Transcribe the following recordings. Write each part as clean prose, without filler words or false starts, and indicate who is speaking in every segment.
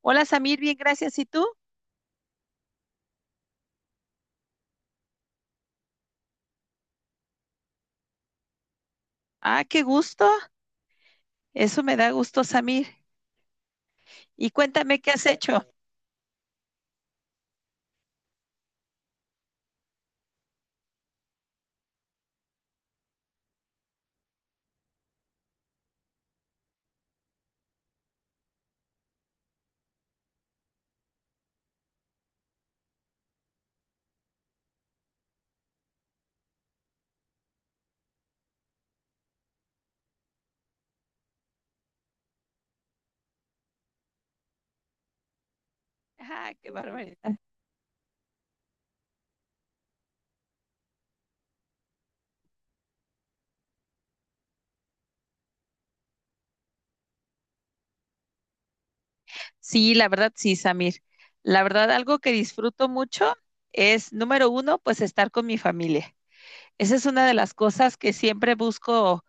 Speaker 1: Hola Samir, bien, gracias. ¿Y tú? Ah, qué gusto. Eso me da gusto, Samir. Y cuéntame qué has hecho. Ah, qué barbaridad. Sí, la verdad, sí, Samir. La verdad, algo que disfruto mucho es, número uno, pues estar con mi familia. Esa es una de las cosas que siempre busco,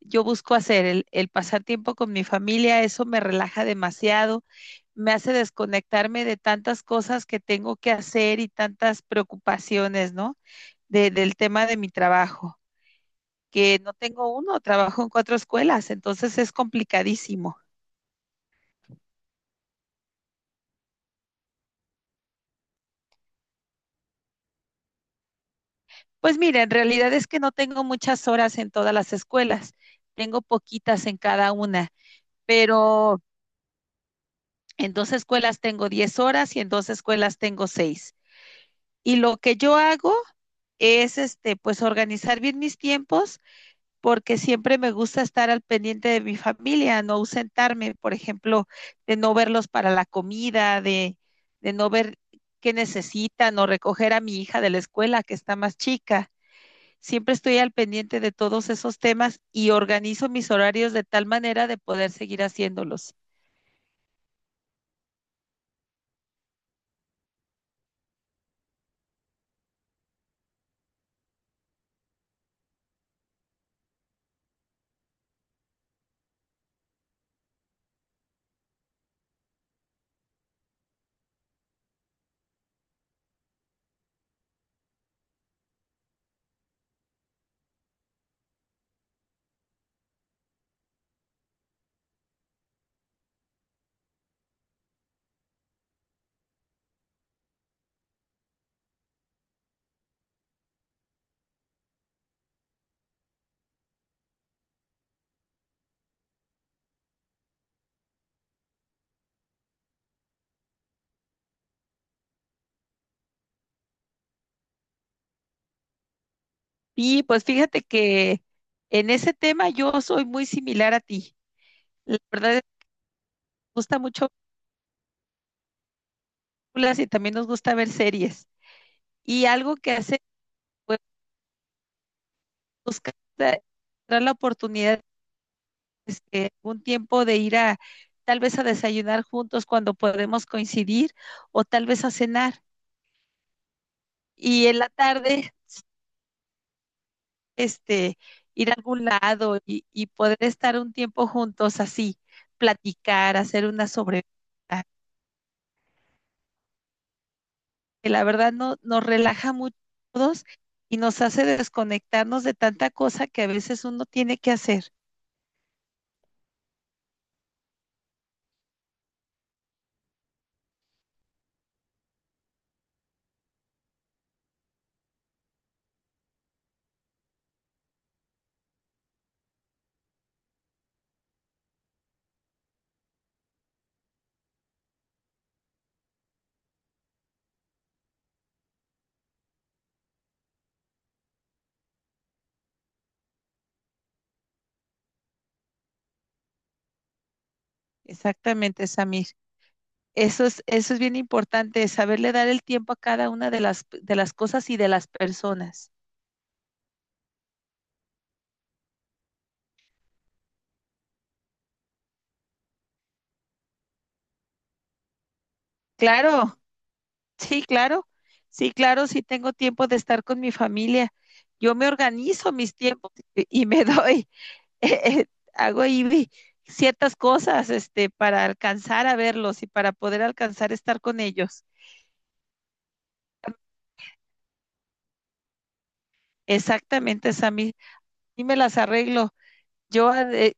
Speaker 1: yo busco hacer, el pasar tiempo con mi familia, eso me relaja demasiado, me hace desconectarme de tantas cosas que tengo que hacer y tantas preocupaciones, ¿no? Del tema de mi trabajo, que no tengo uno, trabajo en cuatro escuelas, entonces es complicadísimo. Pues mira, en realidad es que no tengo muchas horas en todas las escuelas, tengo poquitas en cada una, pero en dos escuelas tengo 10 horas y en dos escuelas tengo seis. Y lo que yo hago es pues organizar bien mis tiempos porque siempre me gusta estar al pendiente de mi familia, no ausentarme, por ejemplo, de no verlos para la comida, de no ver qué necesitan o recoger a mi hija de la escuela que está más chica. Siempre estoy al pendiente de todos esos temas y organizo mis horarios de tal manera de poder seguir haciéndolos. Sí, pues fíjate que en ese tema yo soy muy similar a ti. La verdad es que nos gusta mucho películas y también nos gusta ver series. Y algo que hace, pues, buscar la encontrar la oportunidad, un tiempo de ir a, tal vez a desayunar juntos cuando podemos coincidir, o tal vez a cenar. Y en la tarde, este, ir a algún lado y poder estar un tiempo juntos así, platicar, hacer una sobre que la verdad no, nos relaja mucho a todos y nos hace desconectarnos de tanta cosa que a veces uno tiene que hacer. Exactamente, Samir. Eso es bien importante, saberle dar el tiempo a cada una de las cosas y de las personas. Claro, sí, claro, sí, claro, sí tengo tiempo de estar con mi familia. Yo me organizo mis tiempos y me doy, eh, eh, hago ahí ciertas cosas, para alcanzar a verlos y para poder alcanzar a estar con ellos. Exactamente, Sammy. Y me las arreglo. Yo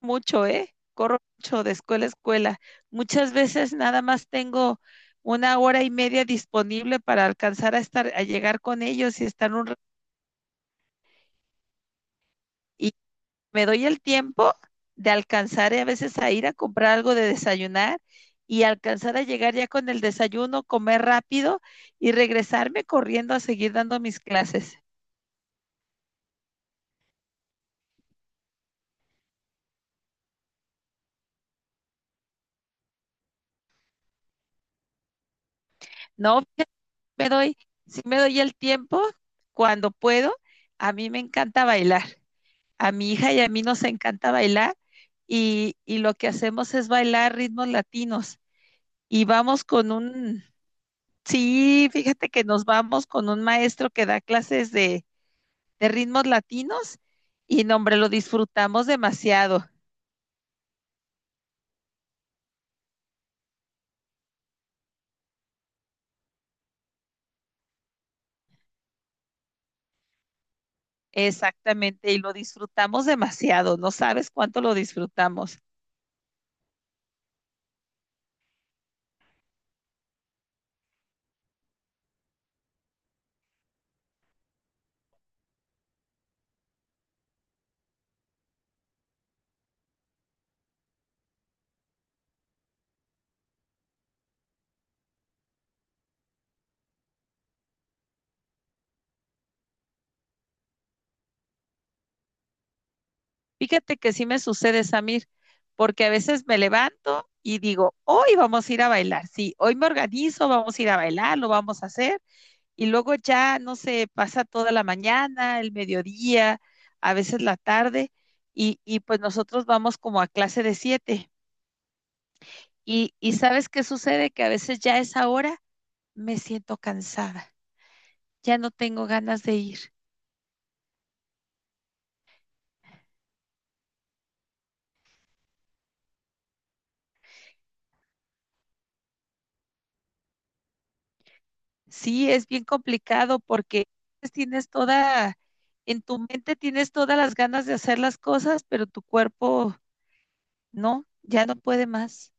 Speaker 1: mucho, ¿eh? Corro mucho de escuela a escuela. Muchas veces nada más tengo 1 hora y media disponible para alcanzar a estar, a llegar con ellos y estar un y me doy el tiempo de alcanzar a veces a ir a comprar algo de desayunar y alcanzar a llegar ya con el desayuno, comer rápido y regresarme corriendo a seguir dando mis clases. No, me doy, sí me doy el tiempo cuando puedo. A mí me encanta bailar. A mi hija y a mí nos encanta bailar y lo que hacemos es bailar ritmos latinos y vamos con un, sí, fíjate que nos vamos con un maestro que da clases de ritmos latinos y no, hombre, lo disfrutamos demasiado. Exactamente, y lo disfrutamos demasiado, no sabes cuánto lo disfrutamos. Fíjate que sí me sucede, Samir, porque a veces me levanto y digo, hoy vamos a ir a bailar, sí, hoy me organizo, vamos a ir a bailar, lo vamos a hacer, y luego ya, no sé, pasa toda la mañana, el mediodía, a veces la tarde, y pues nosotros vamos como a clase de 7, y ¿sabes qué sucede? Que a veces ya a esa hora me siento cansada, ya no tengo ganas de ir. Sí, es bien complicado porque pues, tienes toda, en tu mente tienes todas las ganas de hacer las cosas, pero tu cuerpo no, ya no puede más.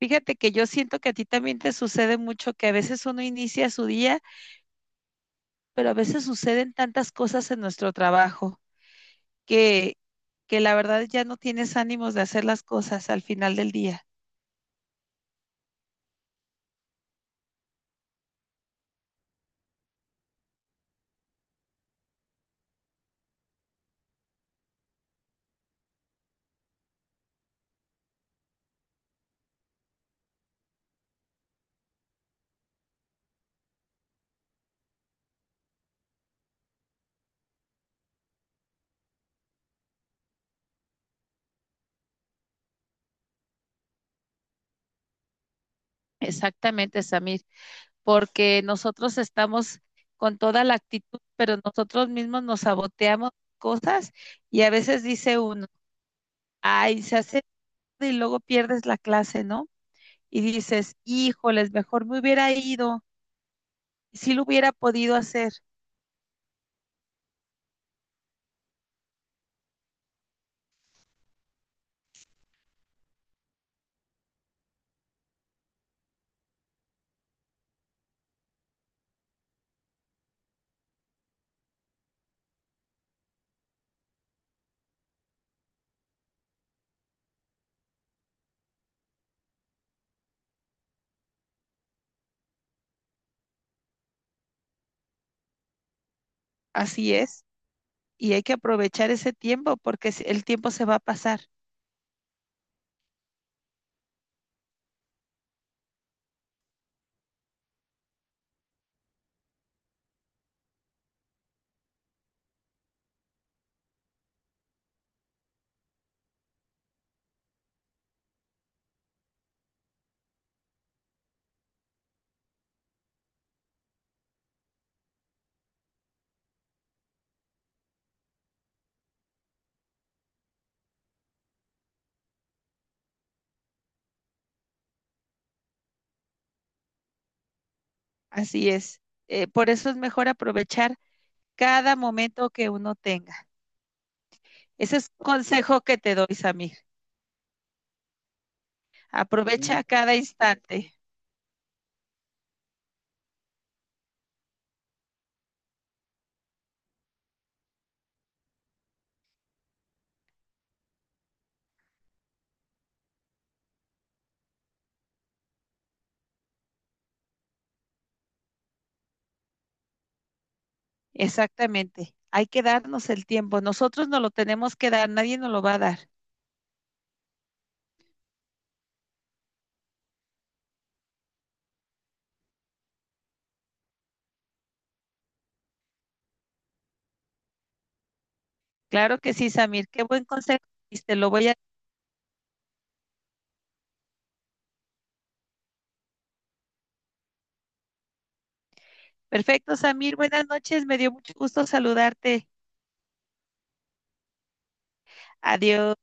Speaker 1: Fíjate que yo siento que a ti también te sucede mucho que a veces uno inicia su día, pero a veces suceden tantas cosas en nuestro trabajo que, que la verdad ya no tienes ánimos de hacer las cosas al final del día. Exactamente, Samir. Porque nosotros estamos con toda la actitud, pero nosotros mismos nos saboteamos cosas y a veces dice uno, ay, se hace y luego pierdes la clase, ¿no? Y dices, híjoles, mejor me hubiera ido, si lo hubiera podido hacer, así es, y hay que aprovechar ese tiempo porque si, el tiempo se va a pasar, así es. Por eso es mejor aprovechar cada momento que uno tenga. Ese es un consejo que te doy, Samir. Aprovecha cada instante. Exactamente. Hay que darnos el tiempo. Nosotros no lo tenemos que dar, nadie nos lo va a dar. Claro que sí, Samir. Qué buen consejo. Te lo voy a... Perfecto, Samir. Buenas noches. Me dio mucho gusto saludarte. Adiós.